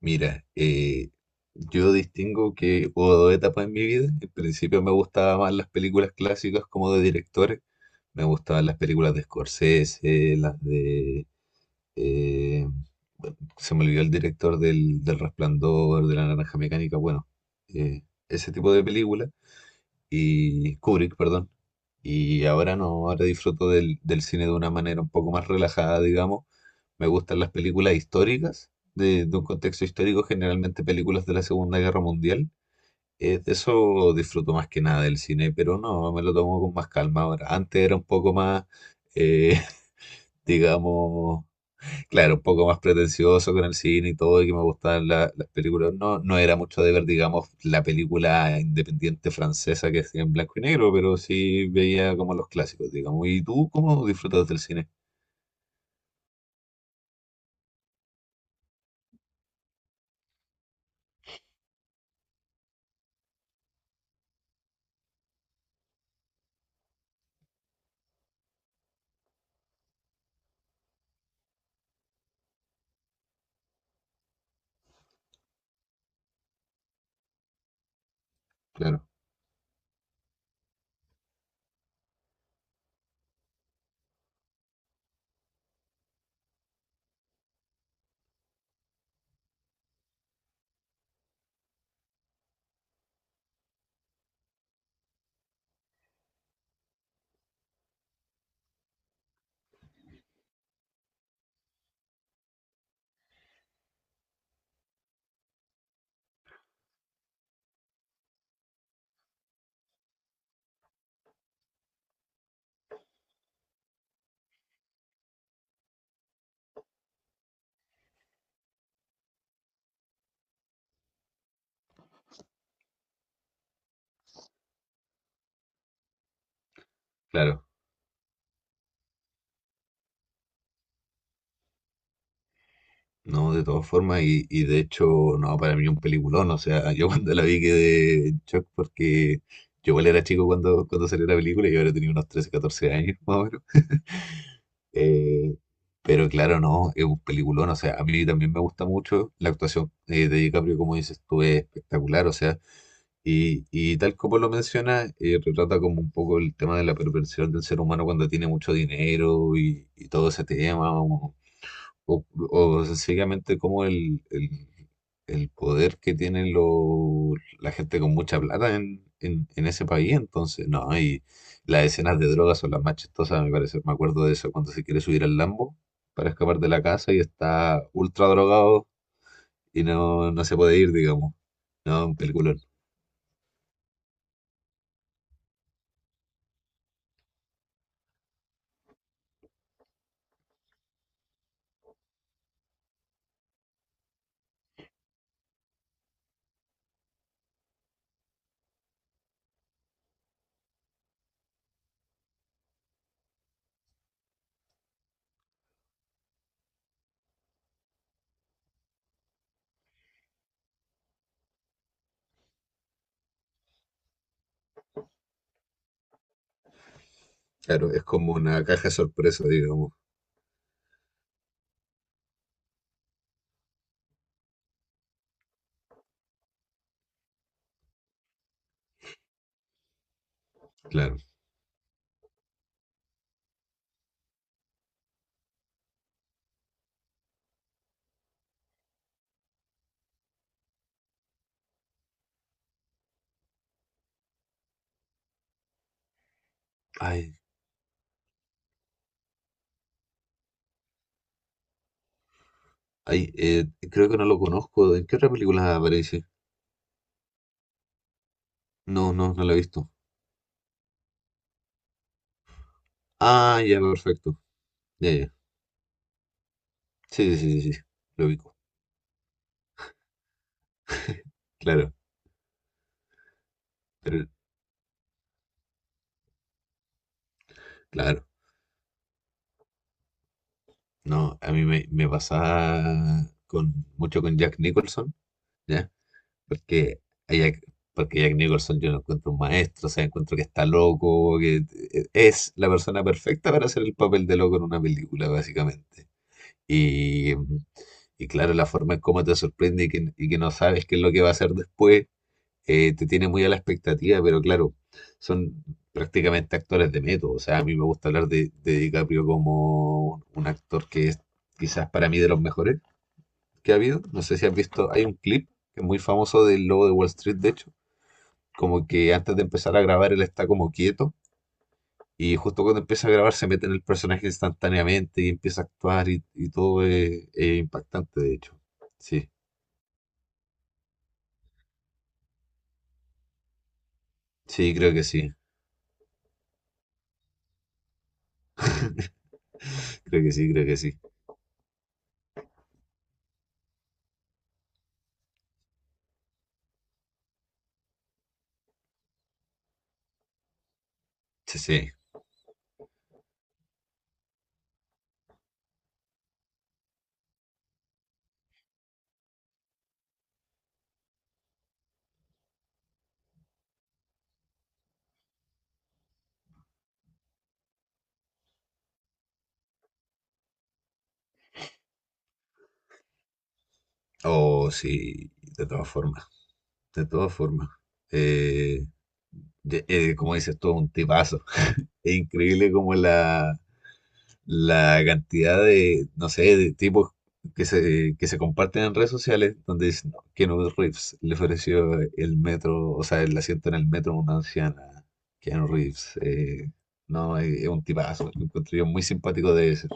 Mira, yo distingo que hubo dos etapas en mi vida. En principio me gustaban más las películas clásicas como de directores. Me gustaban las películas de Scorsese, las de... eh, se me olvidó el director del Resplandor, de La Naranja Mecánica, bueno, eh, ese tipo de películas. Y Kubrick, perdón. Y ahora no, ahora disfruto del cine de una manera un poco más relajada, digamos, me gustan las películas históricas, de un contexto histórico, generalmente películas de la Segunda Guerra Mundial. De eso disfruto más que nada del cine, pero no, me lo tomo con más calma ahora. Antes era un poco más, eh, digamos, claro, un poco más pretencioso con el cine y todo, y que me gustaban las películas. No, no era mucho de ver, digamos, la película independiente francesa que es en blanco y negro, pero sí veía como los clásicos, digamos. ¿Y tú cómo disfrutas del cine? Claro, claro. No, de todas formas, y de hecho, no, para mí un peliculón, o sea, yo cuando la vi quedé en shock porque yo igual era chico cuando, cuando salió la película, yo ahora tenía unos 13 14 años más o menos. Eh, pero claro, no, es un peliculón, o sea, a mí también me gusta mucho la actuación de DiCaprio, como dices tú, es espectacular, o sea, y tal como lo menciona, retrata como un poco el tema de la perversión del ser humano cuando tiene mucho dinero y todo ese tema, o sencillamente como el poder que tienen la gente con mucha plata en, en ese país. Entonces, no, y las escenas de drogas son las más chistosas, me parece. Me acuerdo de eso cuando se quiere subir al Lambo para escapar de la casa y está ultra drogado y no, no se puede ir, digamos. No, un peliculón. Claro, es como una caja de sorpresa, digamos. Claro. Ay, ay, creo que no lo conozco. ¿En qué otra película aparece? No, no, no la he visto. Ah, ya, perfecto. Ya, ya. Sí, sí, sí, sí, sí. Lo ubico. Claro. Pero, claro. No, a mí me, me pasaba con, mucho con Jack Nicholson, ¿ya? Porque a Jack, porque Jack Nicholson yo lo encuentro un maestro, o sea, encuentro que está loco, que es la persona perfecta para hacer el papel de loco en una película, básicamente. Y, y claro, la forma en cómo te sorprende y que no sabes qué es lo que va a hacer después. Te tiene muy a la expectativa, pero claro, son prácticamente actores de método. O sea, a mí me gusta hablar de DiCaprio como un actor que es quizás para mí de los mejores que ha habido. No sé si has visto, hay un clip que es muy famoso del lobo de Wall Street, de hecho, como que antes de empezar a grabar él está como quieto y justo cuando empieza a grabar se mete en el personaje instantáneamente y empieza a actuar y todo es impactante, de hecho. Sí, sí, creo que sí, creo que sí, creo que sí. Sí, sí. Oh, sí, de todas formas, de todas formas. Eh, Como dices tú, un tipazo. Es increíble como la cantidad de, no sé, de tipos que se comparten en redes sociales donde dicen, no, Keanu Reeves le ofreció el metro, o sea, el asiento en el metro a una anciana. Keanu Reeves, no, es un tipazo, lo encuentro yo muy simpático de ese.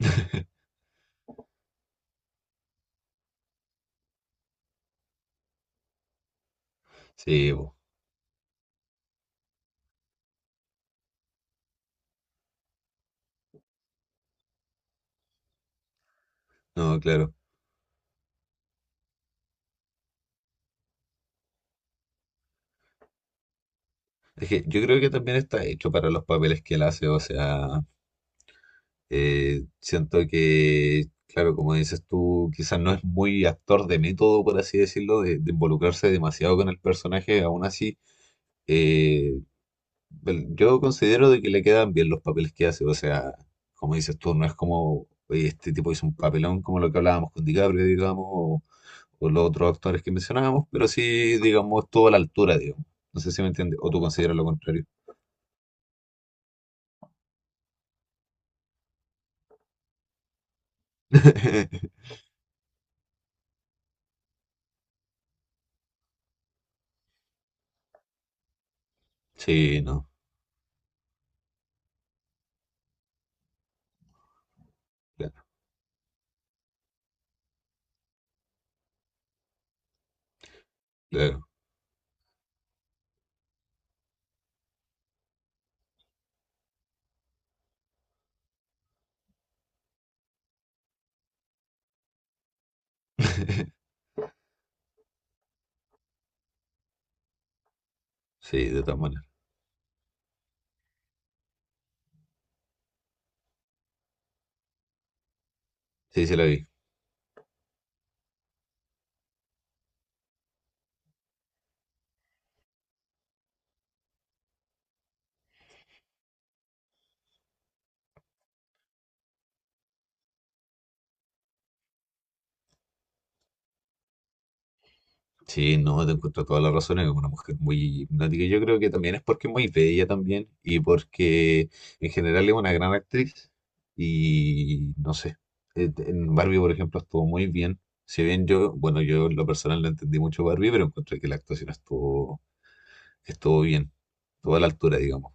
Sí, po. No, claro. Es que yo creo que también está hecho para los papeles que él hace, o sea, siento que, claro, como dices tú, quizás no es muy actor de método, por así decirlo, de involucrarse demasiado con el personaje, aún así, eh, yo considero de que le quedan bien los papeles que hace, o sea, como dices tú, no es como, oye, este tipo hizo un papelón como lo que hablábamos con DiCaprio, digamos, o los otros actores que mencionábamos, pero sí, digamos, estuvo a la altura, digamos. No sé si me entiendes, o tú consideras lo contrario. Sí, no, claro, claro. Sí, de todas maneras. Sí, se la vi. Sí, no, te encuentro toda la razón, es una mujer muy hipnótica. Y yo creo que también es porque es muy bella también y porque en general es una gran actriz y no sé, en Barbie, por ejemplo, estuvo muy bien. Si bien yo, bueno, yo en lo personal no entendí mucho Barbie, pero encontré que la actuación estuvo, estuvo bien, estuvo a la altura, digamos.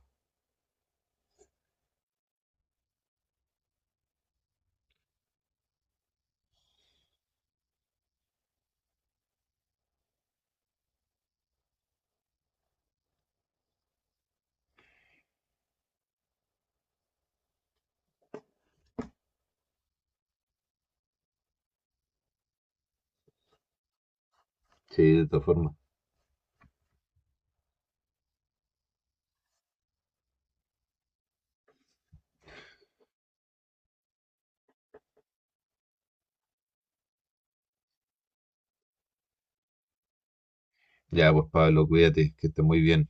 Sí, de todas formas. Ya, pues Pablo, cuídate, que estés muy bien.